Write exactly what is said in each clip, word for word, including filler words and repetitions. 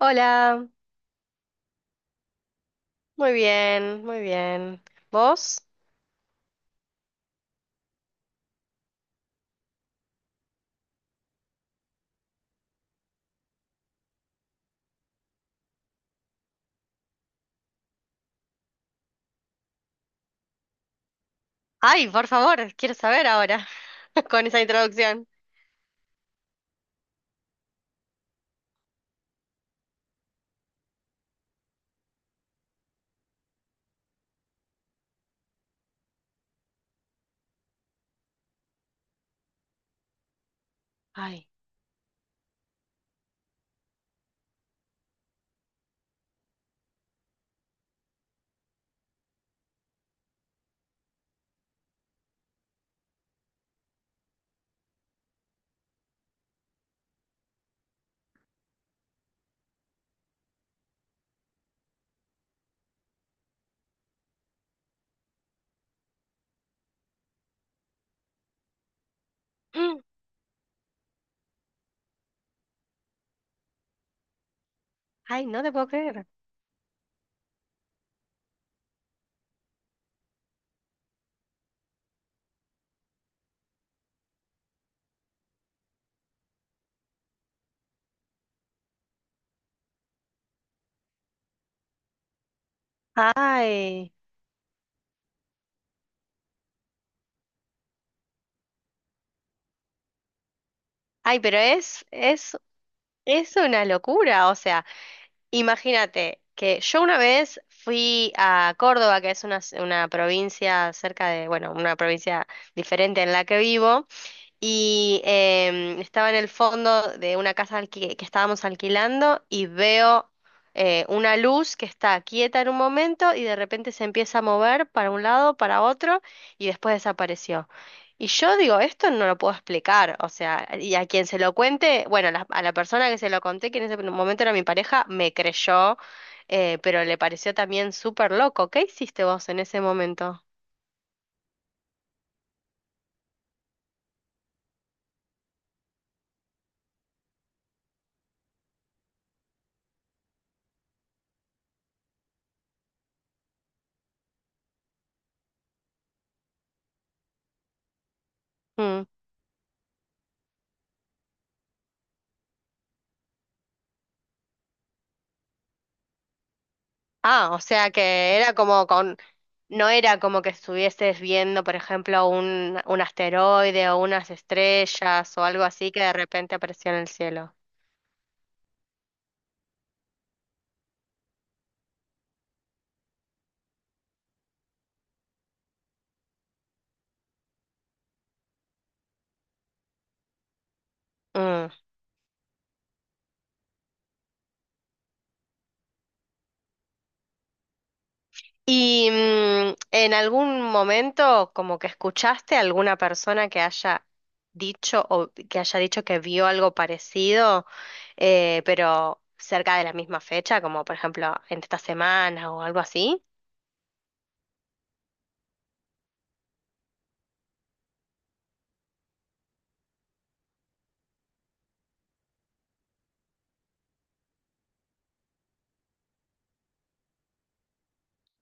Hola, muy bien, muy bien. ¿Vos? Ay, por favor, quiero saber ahora con esa introducción. Ay, mm, ay, no te puedo creer. Ay, ay, pero es, es, es una locura. O sea, imagínate que yo una vez fui a Córdoba, que es una, una provincia cerca de, bueno, una provincia diferente en la que vivo. Y em, estaba en el fondo de una casa alqui- que estábamos alquilando y veo eh, una luz que está quieta en un momento y de repente se empieza a mover para un lado, para otro y después desapareció. Y yo digo, esto no lo puedo explicar, o sea, y a quien se lo cuente, bueno, la- a la persona que se lo conté, que en ese momento era mi pareja, me creyó, eh, pero le pareció también súper loco. ¿Qué hiciste vos en ese momento? Mm. Ah, o sea que era como con, no era como que estuvieses viendo, por ejemplo, un, un asteroide o unas estrellas o algo así que de repente apareció en el cielo. Mm. ¿Y mm, en algún momento como que escuchaste a alguna persona que haya dicho o que haya dicho que vio algo parecido, eh, pero cerca de la misma fecha, como por ejemplo en esta semana o algo así?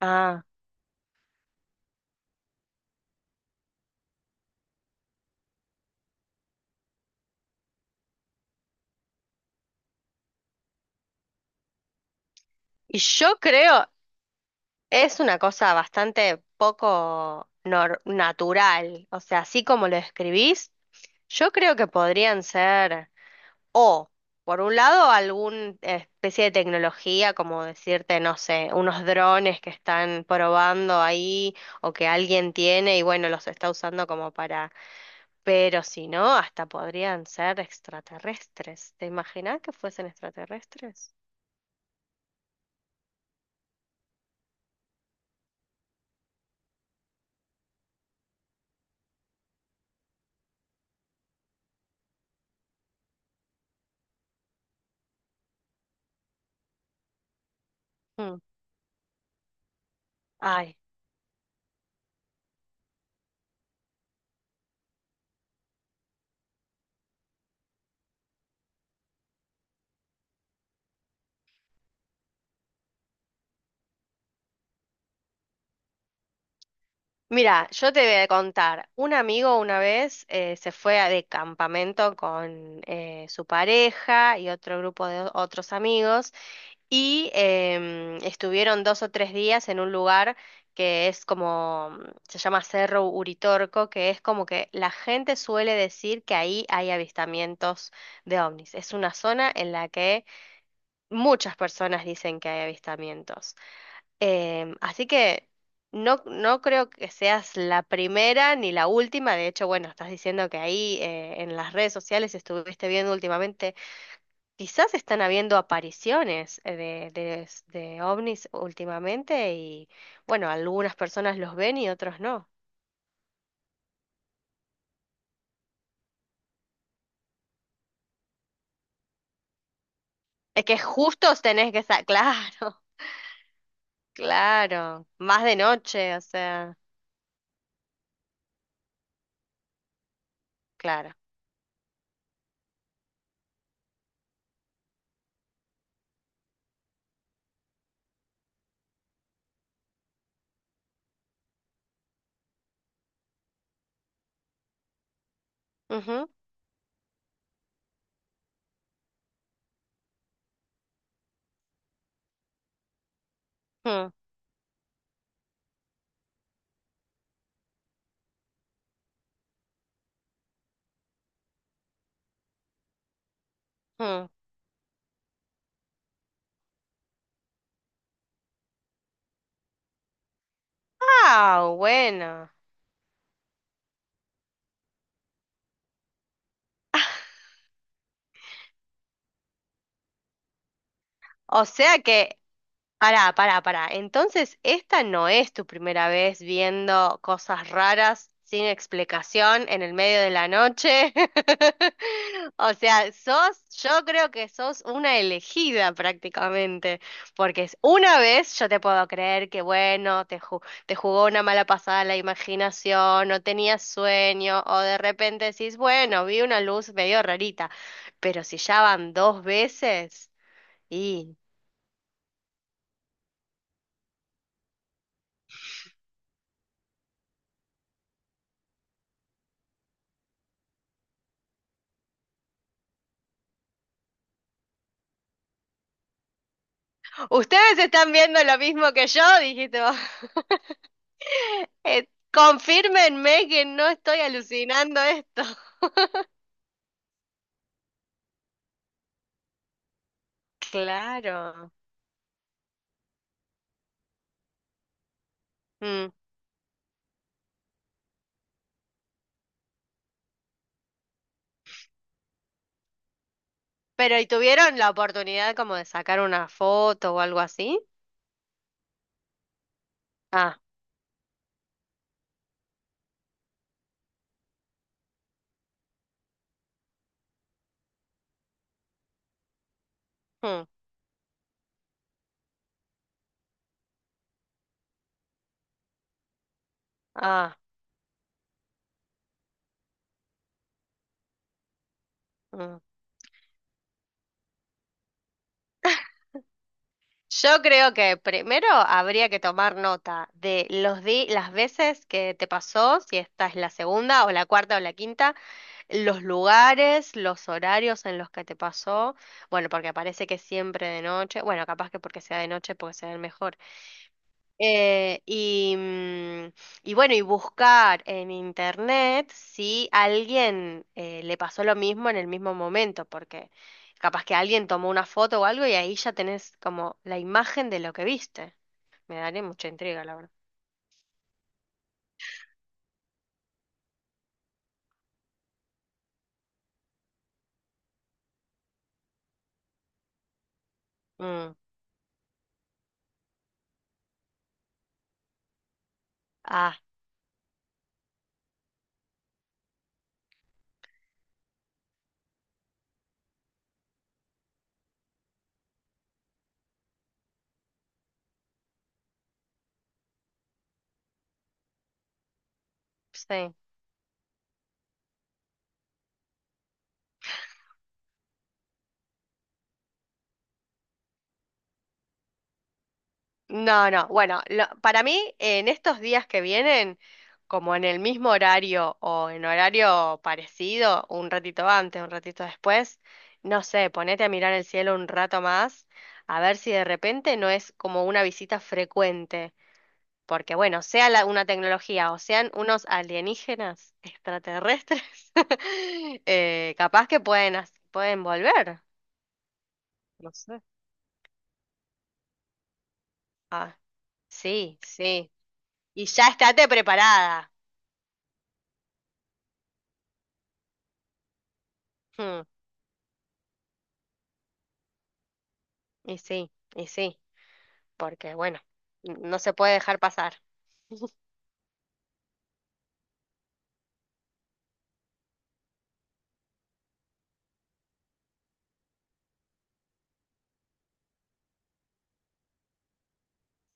Ah, y yo creo, es una cosa bastante poco nor- natural, o sea, así como lo escribís, yo creo que podrían ser o, por un lado, alguna especie de tecnología, como decirte, no sé, unos drones que están probando ahí o que alguien tiene y bueno, los está usando como para, pero si no, hasta podrían ser extraterrestres. ¿Te imaginas que fuesen extraterrestres? Mm. Ay. Mira, yo te voy a contar, un amigo una vez eh, se fue a- de campamento con eh, su pareja y otro grupo de o- otros amigos y em, estuvieron dos o tres días en un lugar que es como, mm, se llama Cerro Uritorco, que es como que la gente suele decir que ahí hay avistamientos de ovnis. Es una zona en la que muchas personas dicen que hay avistamientos. Em, así que no, no creo que seas la primera ni la última. De hecho, bueno, estás diciendo que ahí eh, en las redes sociales estuviste viendo últimamente, quizás están habiendo apariciones eh, de, de, s- de ovnis últimamente y bueno, algunas personas los ven y otros no. Es que justos tenés que estar, claro, claro, más de noche, o sea, claro. Ujú, mm, mm. Ah, bueno. O sea que pará, pará, pará. Entonces, esta no es tu primera vez viendo cosas raras sin explicación en el medio de la noche. O sea, sos, yo creo que sos una elegida prácticamente, porque es una vez yo te puedo creer que bueno, te ju- te jugó una mala pasada la imaginación, no tenías sueño, o de repente decís, bueno, vi una luz medio rarita, pero si ya van dos veces. Y ustedes están viendo lo mismo que yo, dijiste vos. Eh, confírmenme que no estoy alucinando esto. Claro. Mm. Pero, ¿y tuvieron la oportunidad como de sacar una foto o algo así? Ah, mm, ah, mm. Yo creo que primero habría que tomar nota de los di las veces que te pasó, si esta es la segunda o la cuarta o la quinta, los lugares, los horarios en los que te pasó, bueno, porque parece que siempre de noche, bueno, capaz que porque sea de noche, porque sea el mejor. Eh, y, mm, y bueno, y buscar en internet si alguien eh, le pasó lo mismo en el mismo momento, porque capaz que alguien tomó una foto o algo y ahí ya tenés como la imagen de lo que viste. Me daría mucha intriga, la verdad. Mm, ah, sí. No, no, bueno, lo- para mí en estos días que vienen, como en el mismo horario o en horario parecido, un ratito antes, un ratito después, no sé, ponete a mirar el cielo un rato más, a ver si de repente no es como una visita frecuente, porque bueno, sea la- una tecnología o sean unos alienígenas extraterrestres, eh, capaz que pueden, hac- pueden volver. No sé. Ah, sí, sí. Y ya estate preparada. Hmm. Y sí, y sí, porque bueno, n- no se puede dejar pasar.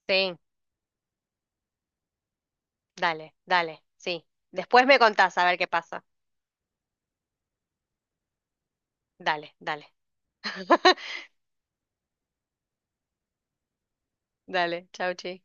Sí, dale, dale, sí. Después me contás a ver qué pasa. Dale, dale. Dale, chau, chi.